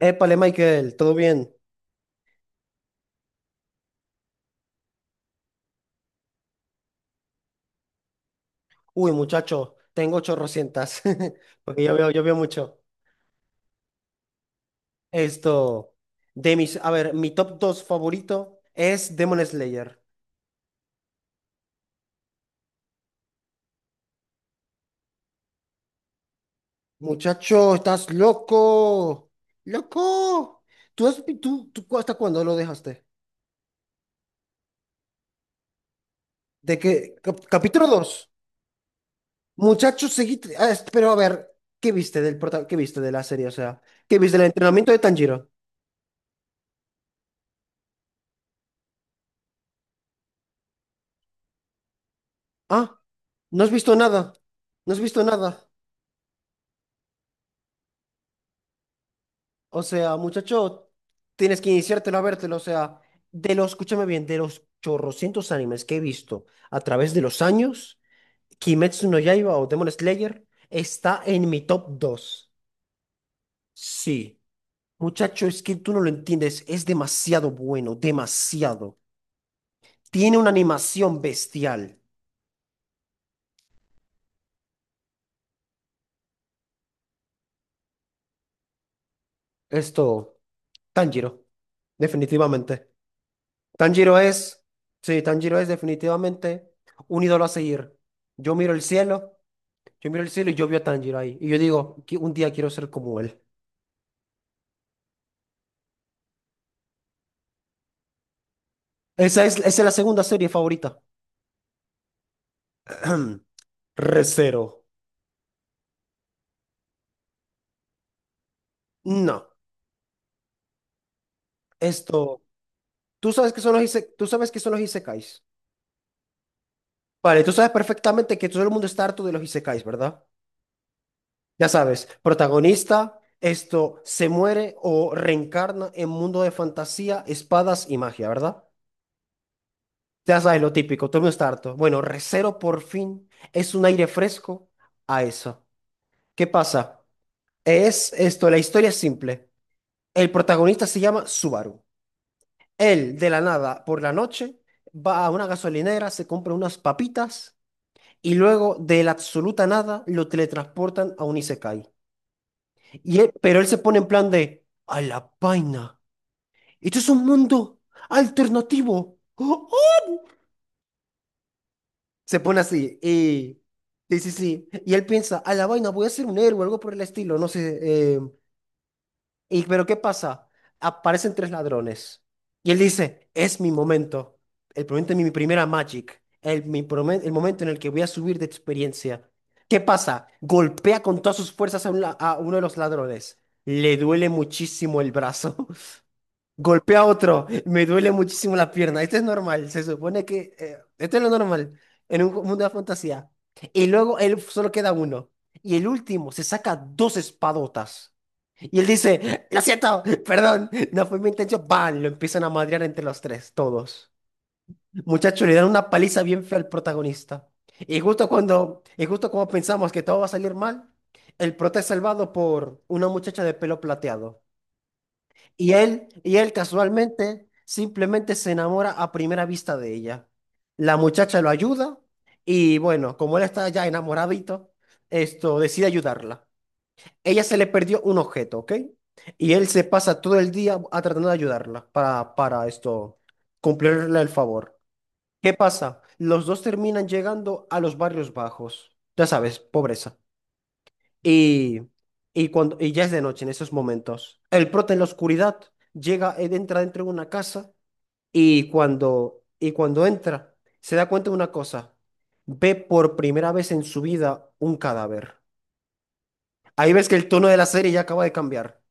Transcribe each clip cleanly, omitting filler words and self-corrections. Épale, Michael, ¿todo bien? Uy, muchacho, tengo chorrocientas, porque yo veo mucho. Esto, a ver, mi top 2 favorito es Demon Slayer. Muchacho, estás loco, loco. ¿Tú hasta cuándo lo dejaste? ¿De qué? Capítulo dos. Muchacho, seguiste, pero a ver, ¿qué viste de la serie? O sea, ¿qué viste del entrenamiento de Tanjiro? Ah, no has visto nada, no has visto nada. O sea, muchacho, tienes que iniciártelo a vértelo. O sea, escúchame bien, de los chorrocientos animes que he visto a través de los años, Kimetsu no Yaiba o Demon Slayer está en mi top 2. Sí, muchacho, es que tú no lo entiendes. Es demasiado bueno, demasiado. Tiene una animación bestial. Esto, Tanjiro, definitivamente. Tanjiro es, sí, Tanjiro es definitivamente un ídolo a seguir. Yo miro el cielo. Yo miro el cielo y yo veo a Tanjiro ahí. Y yo digo: Un día quiero ser como él". Esa es la segunda serie favorita. Recero. No, esto. Tú sabes que son los isekais. Vale, tú sabes perfectamente que todo el mundo está harto de los isekais, ¿verdad? Ya sabes, protagonista, esto se muere o reencarna en mundo de fantasía, espadas y magia, ¿verdad? Ya sabes lo típico, todo el mundo está harto. Bueno, Recero por fin es un aire fresco a eso. ¿Qué pasa? La historia es simple. El protagonista se llama Subaru. Él, de la nada, por la noche, va a una gasolinera, se compra unas papitas y luego, de la absoluta nada, lo teletransportan a un Isekai. Pero él se pone en plan de, a la vaina, esto es un mundo alternativo. ¡Oh, oh! Se pone así y... sí, sí, sí. Y él piensa, a la vaina, voy a ser un héroe, o algo por el estilo, no sé. Y pero ¿qué pasa? Aparecen tres ladrones. Y él dice, es mi momento. El momento de mi primera Magic. El momento en el que voy a subir de experiencia. ¿Qué pasa? Golpea con todas sus fuerzas a uno de los ladrones. Le duele muchísimo el brazo. Golpea a otro. Me duele muchísimo la pierna. Esto es normal. Se supone que, esto es lo normal en un mundo de fantasía. Y luego él solo queda uno. Y el último se saca dos espadotas. Y él dice, lo siento, perdón, no fue mi intención. Lo empiezan a madrear entre los tres, todos. Muchachos, le dan una paliza bien fea al protagonista. Y justo cuando, y justo como pensamos que todo va a salir mal, el prota es salvado por una muchacha de pelo plateado. Y él casualmente, simplemente se enamora a primera vista de ella. La muchacha lo ayuda y bueno, como él está ya enamoradito, esto decide ayudarla. Ella se le perdió un objeto, ¿ok? Y él se pasa todo el día a tratando de ayudarla para cumplirle el favor. ¿Qué pasa? Los dos terminan llegando a los barrios bajos, ya sabes, pobreza. Y, y ya es de noche en esos momentos. El prota en la oscuridad llega, él entra dentro de una casa y cuando entra se da cuenta de una cosa. Ve por primera vez en su vida un cadáver. Ahí ves que el tono de la serie ya acaba de cambiar.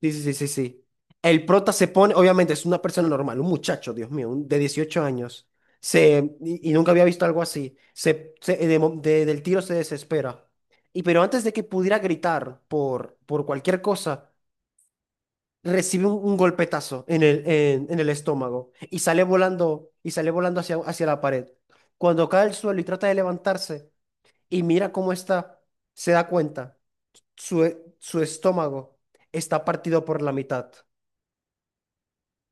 Sí, sí, sí, sí, sí. El prota se pone, obviamente es una persona normal, un muchacho, Dios mío, de 18 años. Se, y nunca había visto algo así. Del tiro se desespera. Y pero antes de que pudiera gritar por cualquier cosa, recibe un golpetazo en el estómago y sale volando, hacia, la pared. Cuando cae al suelo y trata de levantarse y mira cómo está, se da cuenta. Su estómago está partido por la mitad.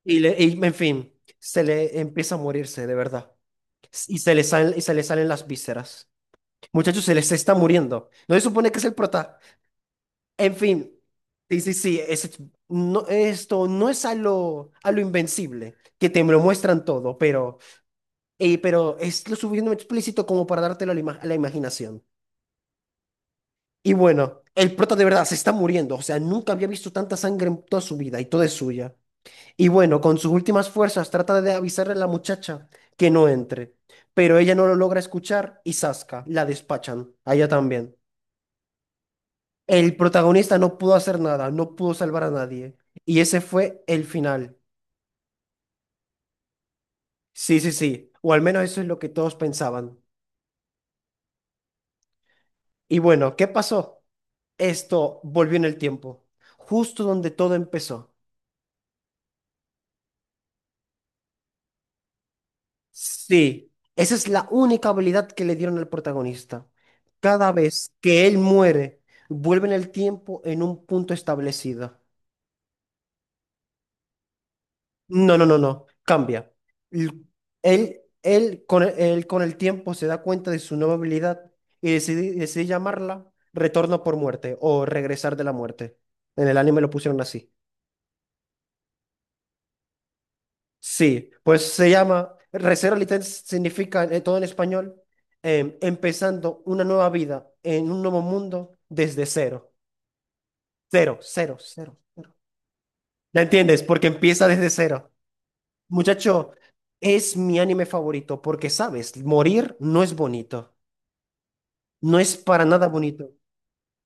En fin, se le empieza a morirse, de verdad. Y se le salen las vísceras. Muchachos, se les está muriendo. No se supone que es el prota. En fin, sí, sí, sí. No, esto no es a lo invencible, que te lo muestran todo, pero es lo suficientemente explícito como para dártelo a la imaginación. Y bueno, el prota de verdad se está muriendo. O sea, nunca había visto tanta sangre en toda su vida y toda es suya. Y bueno, con sus últimas fuerzas trata de avisarle a la muchacha que no entre, pero ella no lo logra escuchar y zasca, la despachan, a ella también. El protagonista no pudo hacer nada, no pudo salvar a nadie. Y ese fue el final. Sí, sí, sí, o al menos eso es lo que todos pensaban. Y bueno, ¿qué pasó? Esto volvió en el tiempo, justo donde todo empezó. Sí, esa es la única habilidad que le dieron al protagonista. Cada vez que él muere, vuelve en el tiempo en un punto establecido. No, no, no, no, cambia. L- él con el tiempo se da cuenta de su nueva habilidad y decide llamarla Retorno por muerte o Regresar de la muerte. En el anime lo pusieron así. Sí, pues se llama Recero. Literal significa, todo en español, empezando una nueva vida en un nuevo mundo desde cero. Cero, cero, cero, cero. ¿La entiendes? Porque empieza desde cero. Muchacho, es mi anime favorito porque, sabes, morir no es bonito. No es para nada bonito.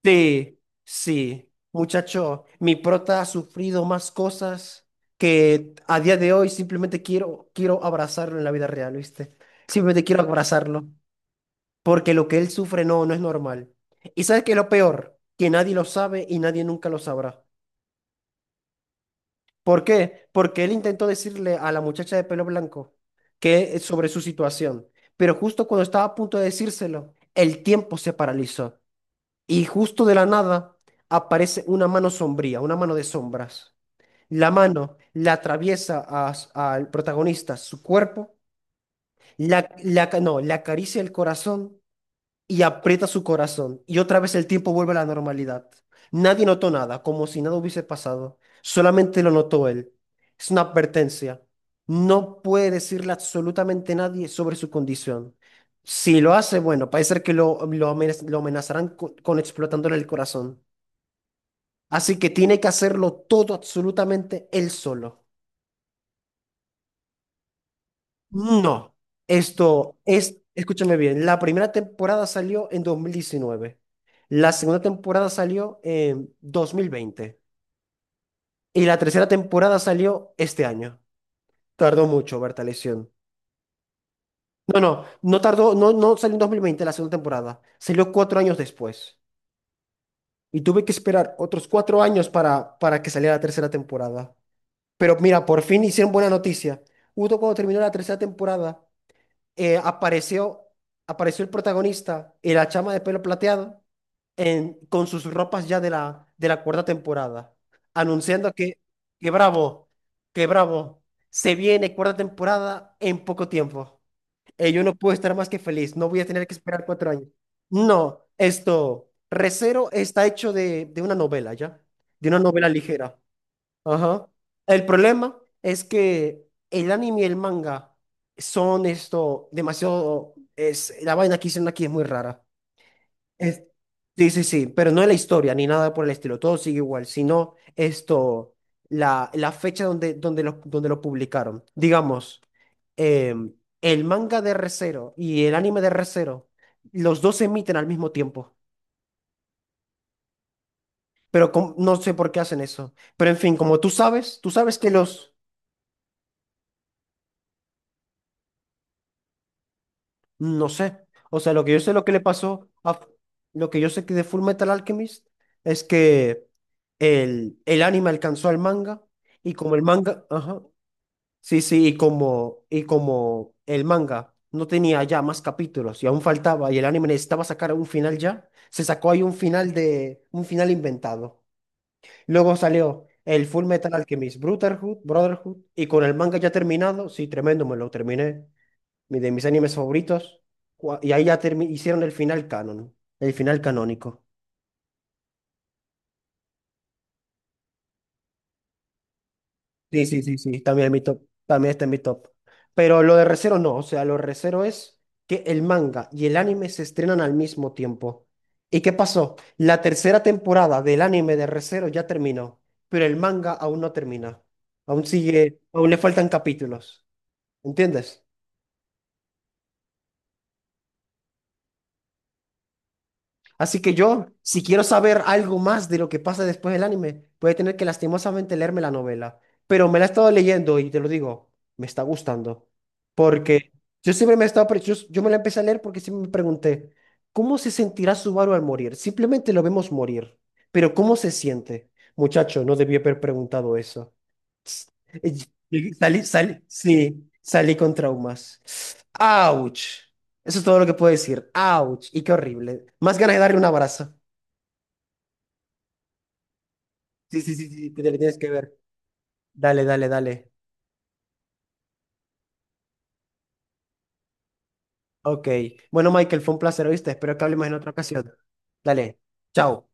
Sí, sí, muchacho, mi prota ha sufrido más cosas que a día de hoy simplemente quiero, abrazarlo en la vida real, ¿viste? Simplemente quiero abrazarlo, porque lo que él sufre no, no es normal. ¿Y sabes qué es lo peor? Que nadie lo sabe y nadie nunca lo sabrá. ¿Por qué? Porque él intentó decirle a la muchacha de pelo blanco que sobre su situación, pero justo cuando estaba a punto de decírselo, el tiempo se paralizó. Y justo de la nada aparece una mano sombría, una mano de sombras. La mano la atraviesa a al protagonista su cuerpo, no, le acaricia el corazón y aprieta su corazón. Y otra vez el tiempo vuelve a la normalidad. Nadie notó nada, como si nada hubiese pasado. Solamente lo notó él. Es una advertencia. No puede decirle absolutamente nadie sobre su condición. Si lo hace, bueno, parece ser que lo amenazarán con explotándole el corazón. Así que tiene que hacerlo todo absolutamente él solo. No. Escúchame bien, la primera temporada salió en 2019, la segunda temporada salió en 2020 y la tercera temporada salió este año. Tardó mucho, Bertaleción. No, no, no tardó, no, no salió en 2020 la segunda temporada, salió 4 años después y tuve que esperar otros 4 años para que saliera la tercera temporada. Pero mira, por fin hicieron buena noticia. Justo cuando terminó la tercera temporada. eh, apareció, apareció el protagonista y la chama de pelo plateado con sus ropas ya de la cuarta temporada, anunciando que, bravo, que bravo, se viene cuarta temporada en poco tiempo. Yo no puedo estar más que feliz, no voy a tener que esperar 4 años. No, Recero está hecho de una novela, ¿ya? De una novela ligera. Ajá. El problema es que el anime y el manga son esto demasiado. La vaina que hicieron aquí es muy rara. Es- sí, sí, sí, pero no es la historia ni nada por el estilo. Todo sigue igual, sino la, fecha donde lo publicaron. Digamos, em, el manga de Re:Zero y el anime de Re:Zero, los dos se emiten al mismo tiempo. Pero no sé por qué hacen eso. Pero en fin, como tú sabes, que los. No sé. O sea, lo que yo sé lo que le pasó a lo que yo sé que de Full Metal Alchemist es que el anime alcanzó al manga y como el manga, ajá, sí, sí, y como el manga no tenía ya más capítulos y aún faltaba y el anime necesitaba sacar un final ya, se sacó ahí un final inventado. Luego salió el Full Metal Alchemist Brotherhood, y con el manga ya terminado, sí, tremendo, me lo terminé. De mis animes favoritos. Y ahí hicieron el final canon, el final canónico. Sí, sí, sí, sí. También en mi top, también está en mi top. Pero lo de Re:Zero no, o sea, lo de Re:Zero es que el manga y el anime se estrenan al mismo tiempo. ¿Y qué pasó? La tercera temporada del anime de Re:Zero ya terminó, pero el manga aún no termina. Aún sigue, aún le faltan capítulos. ¿Entiendes? Así que yo, si quiero saber algo más de lo que pasa después del anime, voy a tener que lastimosamente leerme la novela. Pero me la he estado leyendo y te lo digo, me está gustando. Porque yo siempre me he estado, pre- Yo me la empecé a leer porque siempre me pregunté, ¿cómo se sentirá Subaru al morir? Simplemente lo vemos morir. Pero ¿cómo se siente? Muchacho, no debí haber preguntado eso. Y sí, salí con traumas. ¡Auch! Eso es todo lo que puedo decir. ¡Auch! Y qué horrible. Más ganas de darle un abrazo. Sí, sí, sí, sí, te le tienes que ver. Dale, dale, dale. Ok. Bueno, Michael, fue un placer, ¿oíste? Espero que hablemos en otra ocasión. Dale. Chao.